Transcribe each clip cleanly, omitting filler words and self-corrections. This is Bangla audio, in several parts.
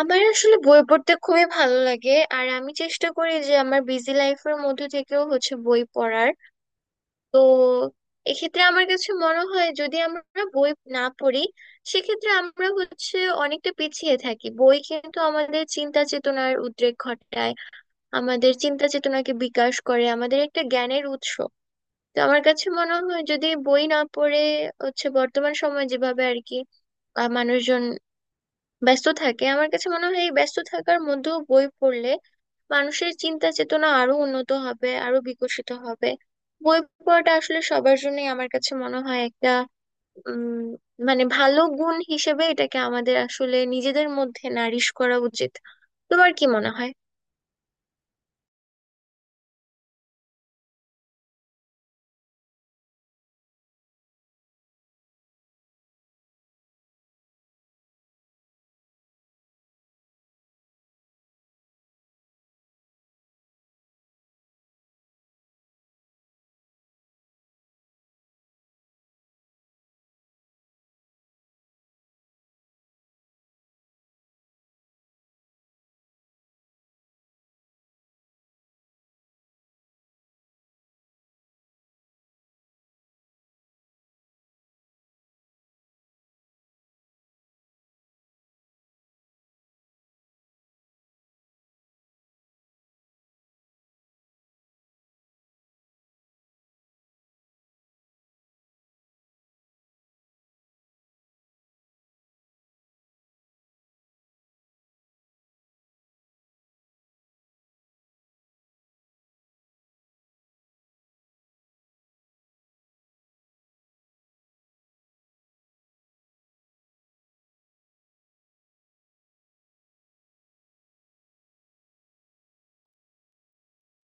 আমার আসলে বই পড়তে খুবই ভালো লাগে। আর আমি চেষ্টা করি যে আমার বিজি লাইফের মধ্যে থেকেও হচ্ছে বই পড়ার। তো এক্ষেত্রে আমার কাছে মনে হয় যদি আমরা বই না পড়ি, সেক্ষেত্রে আমরা হচ্ছে অনেকটা পিছিয়ে থাকি। বই কিন্তু আমাদের চিন্তা চেতনার উদ্রেক ঘটায়, আমাদের চিন্তা চেতনাকে বিকাশ করে, আমাদের একটা জ্ঞানের উৎস। তো আমার কাছে মনে হয় যদি বই না পড়ে হচ্ছে বর্তমান সময় যেভাবে আর কি মানুষজন ব্যস্ত থাকে, আমার কাছে মনে হয় এই ব্যস্ত থাকার মধ্যেও বই পড়লে মানুষের চিন্তা চেতনা আরো উন্নত হবে, আরো বিকশিত হবে। বই পড়াটা আসলে সবার জন্যই আমার কাছে মনে হয় একটা উম মানে ভালো গুণ হিসেবে এটাকে আমাদের আসলে নিজেদের মধ্যে নারিশ করা উচিত। তোমার কি মনে হয়?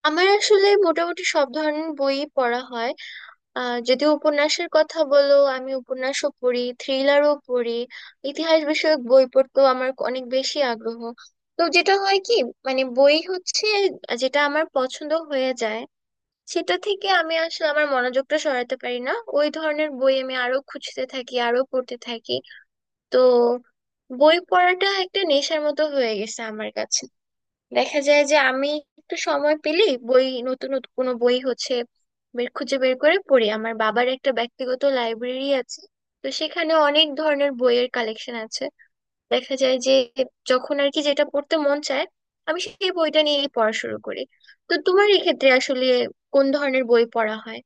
আমার আসলে মোটামুটি সব ধরনের বই পড়া হয়। আহ যদি উপন্যাসের কথা বলো, আমি উপন্যাসও পড়ি, থ্রিলারও পড়ি, ইতিহাস বিষয়ক বই পড়তেও আমার অনেক বেশি আগ্রহ। তো যেটা হয় কি, মানে বই হচ্ছে যেটা আমার পছন্দ হয়ে যায়, সেটা থেকে আমি আসলে আমার মনোযোগটা সরাতে পারি না। ওই ধরনের বই আমি আরো খুঁজতে থাকি, আরো পড়তে থাকি। তো বই পড়াটা একটা নেশার মতো হয়ে গেছে আমার কাছে। দেখা যায় যে আমি একটু সময় পেলেই বই, নতুন নতুন কোনো বই হচ্ছে বের খুঁজে বের করে পড়ি। আমার বাবার একটা ব্যক্তিগত লাইব্রেরি আছে, তো সেখানে অনেক ধরনের বইয়ের কালেকশন আছে। দেখা যায় যে যখন আর কি যেটা পড়তে মন চায়, আমি সেই বইটা নিয়েই পড়া শুরু করি। তো তোমার এক্ষেত্রে আসলে কোন ধরনের বই পড়া হয়?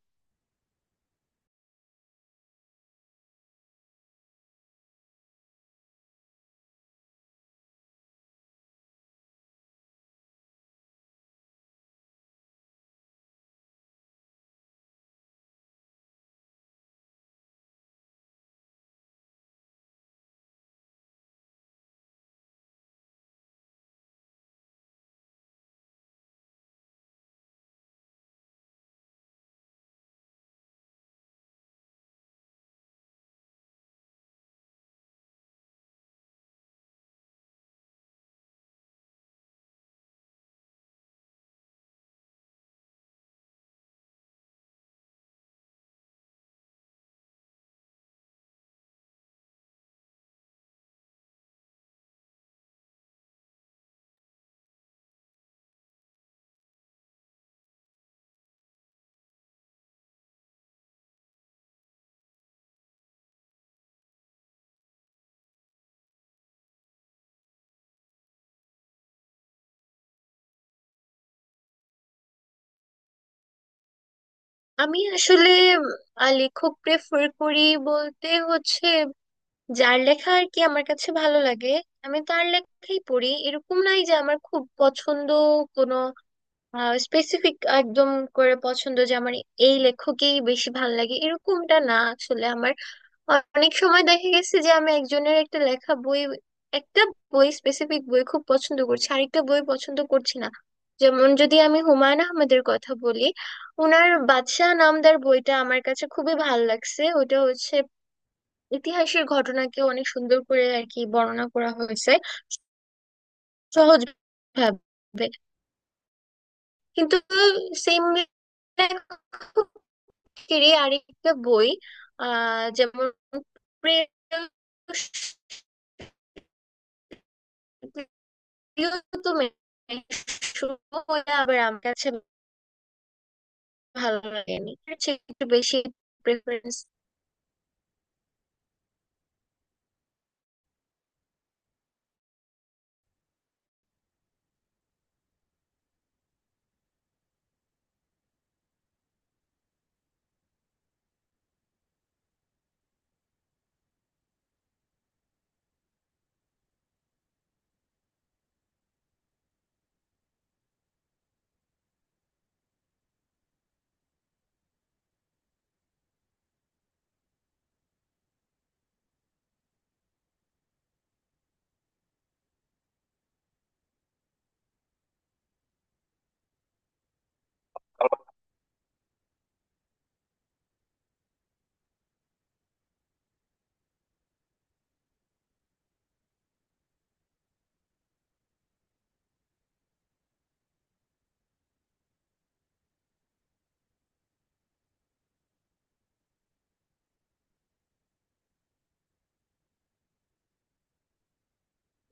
আমি আসলে লেখক প্রেফার করি বলতে হচ্ছে যার লেখা আর কি আমার কাছে ভালো লাগে, আমি তার লেখাই পড়ি। এরকম নাই যে আমার খুব পছন্দ কোনো স্পেসিফিক একদম করে পছন্দ যে আমার এই লেখকেই বেশি ভালো লাগে, এরকমটা না আসলে আমার। অনেক সময় দেখা গেছে যে আমি একজনের একটা লেখা বই, একটা বই স্পেসিফিক বই খুব পছন্দ করছি, আরেকটা বই পছন্দ করছি না। যেমন যদি আমি হুমায়ুন আহমেদের কথা বলি, ওনার বাদশাহ নামদার বইটা আমার কাছে খুবই ভালো লাগছে। ওটা হচ্ছে ইতিহাসের ঘটনাকে অনেক সুন্দর করে আর কি বর্ণনা করা হয়েছে সহজ ভাবে। কিন্তু সেম আরেকটা বই আহ যেমন প্রিয়তম আবার আমার কাছে ভালো লাগেনি। এর চেয়ে একটু বেশি প্রেফারেন্স।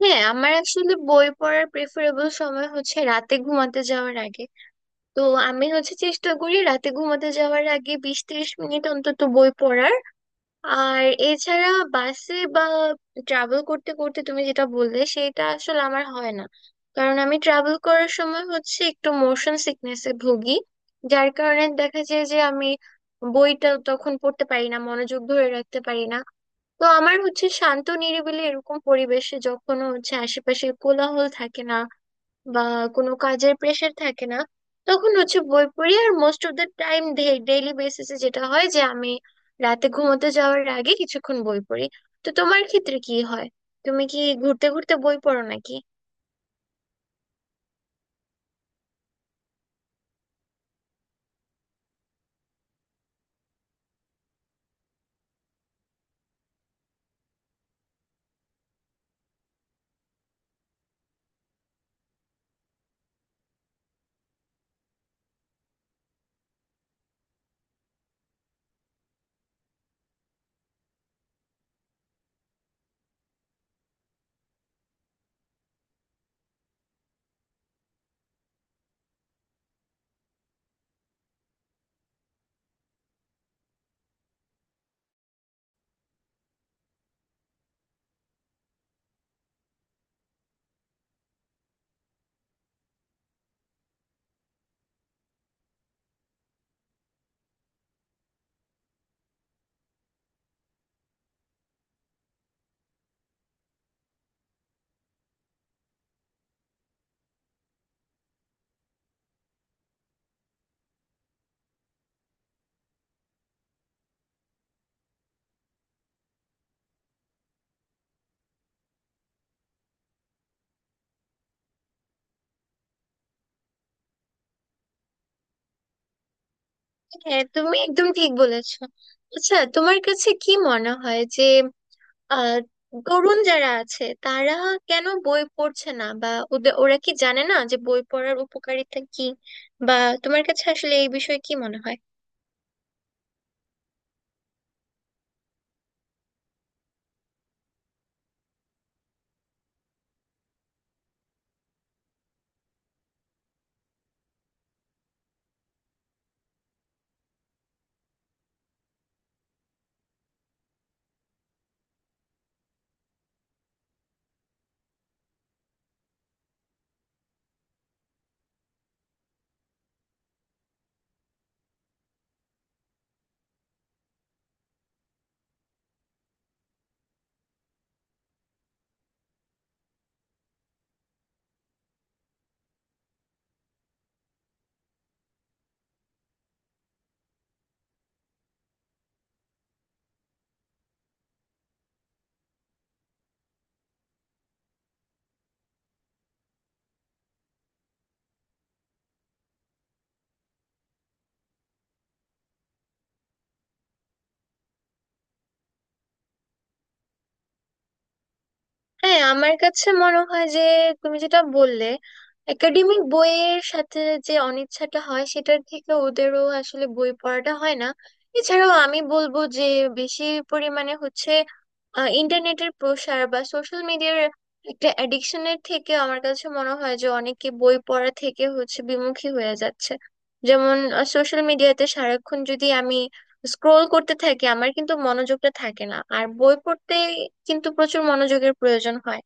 হ্যাঁ, আমার আসলে বই পড়ার প্রেফারেবল সময় হচ্ছে রাতে ঘুমাতে যাওয়ার আগে। তো আমি হচ্ছে চেষ্টা করি রাতে ঘুমাতে যাওয়ার আগে 20-30 মিনিট অন্তত বই পড়ার। আর এছাড়া বাসে বা ট্রাভেল করতে করতে তুমি যেটা বললে, সেটা আসলে আমার হয় না। কারণ আমি ট্রাভেল করার সময় হচ্ছে একটু মোশন সিকনেসে ভুগি, যার কারণে দেখা যায় যে আমি বইটা তখন পড়তে পারি না, মনোযোগ ধরে রাখতে পারি না। তো আমার হচ্ছে শান্ত নিরিবিলি এরকম পরিবেশে যখন হচ্ছে আশেপাশে কোলাহল থাকে না বা কোনো কাজের প্রেশার থাকে না, তখন হচ্ছে বই পড়ি। আর most of the time, daily বেসিসে যেটা হয় যে আমি রাতে ঘুমোতে যাওয়ার আগে কিছুক্ষণ বই পড়ি। তো তোমার ক্ষেত্রে কি হয়? তুমি কি ঘুরতে ঘুরতে বই পড়ো নাকি? হ্যাঁ, তুমি একদম ঠিক বলেছো। আচ্ছা, তোমার কাছে কি মনে হয় যে আহ তরুণ যারা আছে তারা কেন বই পড়ছে না, বা ওরা কি জানে না যে বই পড়ার উপকারিতা কি, বা তোমার কাছে আসলে এই বিষয়ে কি মনে হয়? হ্যাঁ, আমার কাছে মনে হয় যে তুমি যেটা বললে একাডেমিক বইয়ের সাথে যে অনিচ্ছাটা হয় সেটার থেকে ওদেরও আসলে বই পড়াটা হয় না। এছাড়াও আমি বলবো যে বেশি পরিমাণে হচ্ছে ইন্টারনেটের প্রসার বা সোশ্যাল মিডিয়ার একটা অ্যাডিকশনের থেকে আমার কাছে মনে হয় যে অনেকে বই পড়া থেকে হচ্ছে বিমুখী হয়ে যাচ্ছে। যেমন সোশ্যাল মিডিয়াতে সারাক্ষণ যদি আমি স্ক্রোল করতে থাকি, আমার কিন্তু মনোযোগটা থাকে না আর। বই পড়তে কিন্তু প্রচুর মনোযোগের প্রয়োজন হয়,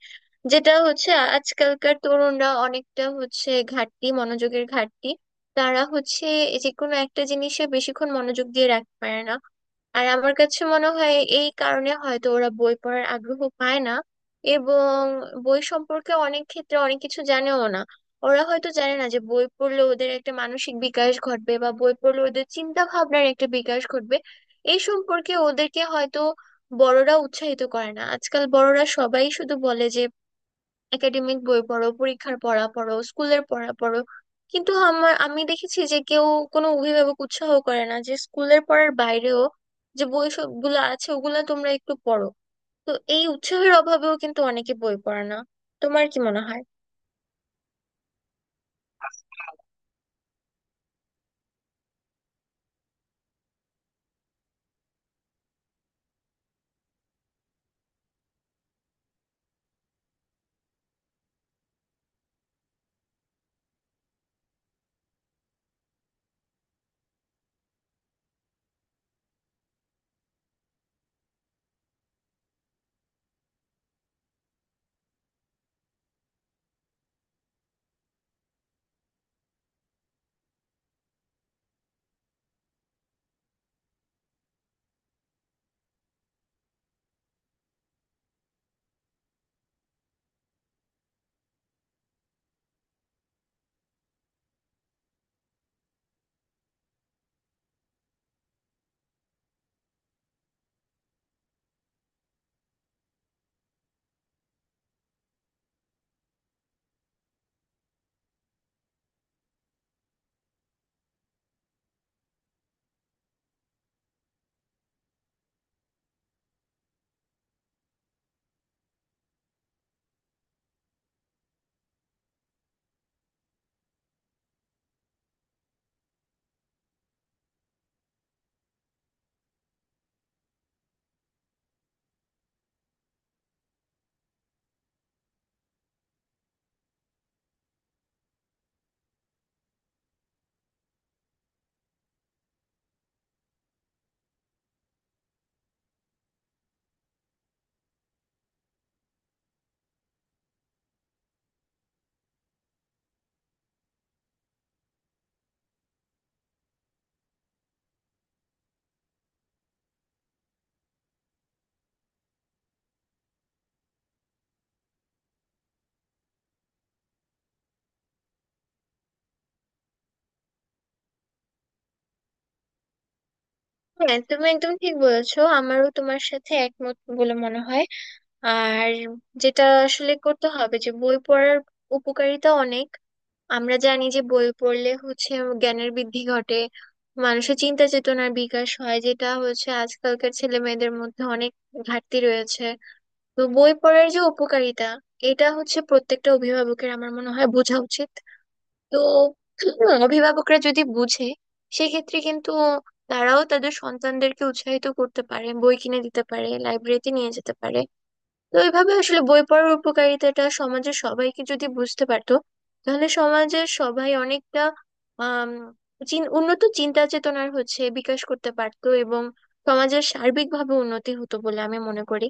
যেটা হচ্ছে আজকালকার তরুণরা অনেকটা হচ্ছে ঘাটতি, মনোযোগের ঘাটতি। তারা হচ্ছে যে কোনো একটা জিনিসে বেশিক্ষণ মনোযোগ দিয়ে রাখতে পারে না। আর আমার কাছে মনে হয় এই কারণে হয়তো ওরা বই পড়ার আগ্রহ পায় না এবং বই সম্পর্কে অনেক ক্ষেত্রে অনেক কিছু জানেও না। ওরা হয়তো জানে না যে বই পড়লে ওদের একটা মানসিক বিকাশ ঘটবে বা বই পড়লে ওদের চিন্তা ভাবনার একটা বিকাশ ঘটবে। এই সম্পর্কে ওদেরকে হয়তো বড়রা উৎসাহিত করে না। আজকাল বড়রা সবাই শুধু বলে যে একাডেমিক বই পড়ো, পরীক্ষার পড়া পড়ো, স্কুলের পড়া পড়ো। কিন্তু আমার আমি দেখেছি যে কেউ কোনো অভিভাবক উৎসাহ করে না যে স্কুলের পড়ার বাইরেও যে বই সবগুলো আছে ওগুলা তোমরা একটু পড়ো। তো এই উৎসাহের অভাবেও কিন্তু অনেকে বই পড়ে না। তোমার কি মনে হয়? হ্যাঁ, তুমি একদম ঠিক বলেছো। আমারও তোমার সাথে একমত বলে মনে হয়। আর যেটা আসলে করতে হবে যে বই পড়ার উপকারিতা অনেক। আমরা জানি যে বই পড়লে হচ্ছে জ্ঞানের বৃদ্ধি ঘটে, মানুষের চিন্তা চেতনার বিকাশ হয়, যেটা হচ্ছে আজকালকার ছেলে মেয়েদের মধ্যে অনেক ঘাটতি রয়েছে। তো বই পড়ার যে উপকারিতা, এটা হচ্ছে প্রত্যেকটা অভিভাবকের আমার মনে হয় বোঝা উচিত। তো অভিভাবকরা যদি বুঝে, সেক্ষেত্রে কিন্তু তারাও তাদের সন্তানদেরকে উৎসাহিত করতে পারে, বই কিনে দিতে পারে, লাইব্রেরিতে নিয়ে যেতে পারে। তো এইভাবে আসলে বই পড়ার উপকারিতাটা সমাজের সবাইকে যদি বুঝতে পারতো, তাহলে সমাজের সবাই অনেকটা আম, উন্নত চিন্তা চেতনার হচ্ছে বিকাশ করতে পারতো এবং সমাজের সার্বিকভাবে উন্নতি হতো বলে আমি মনে করি।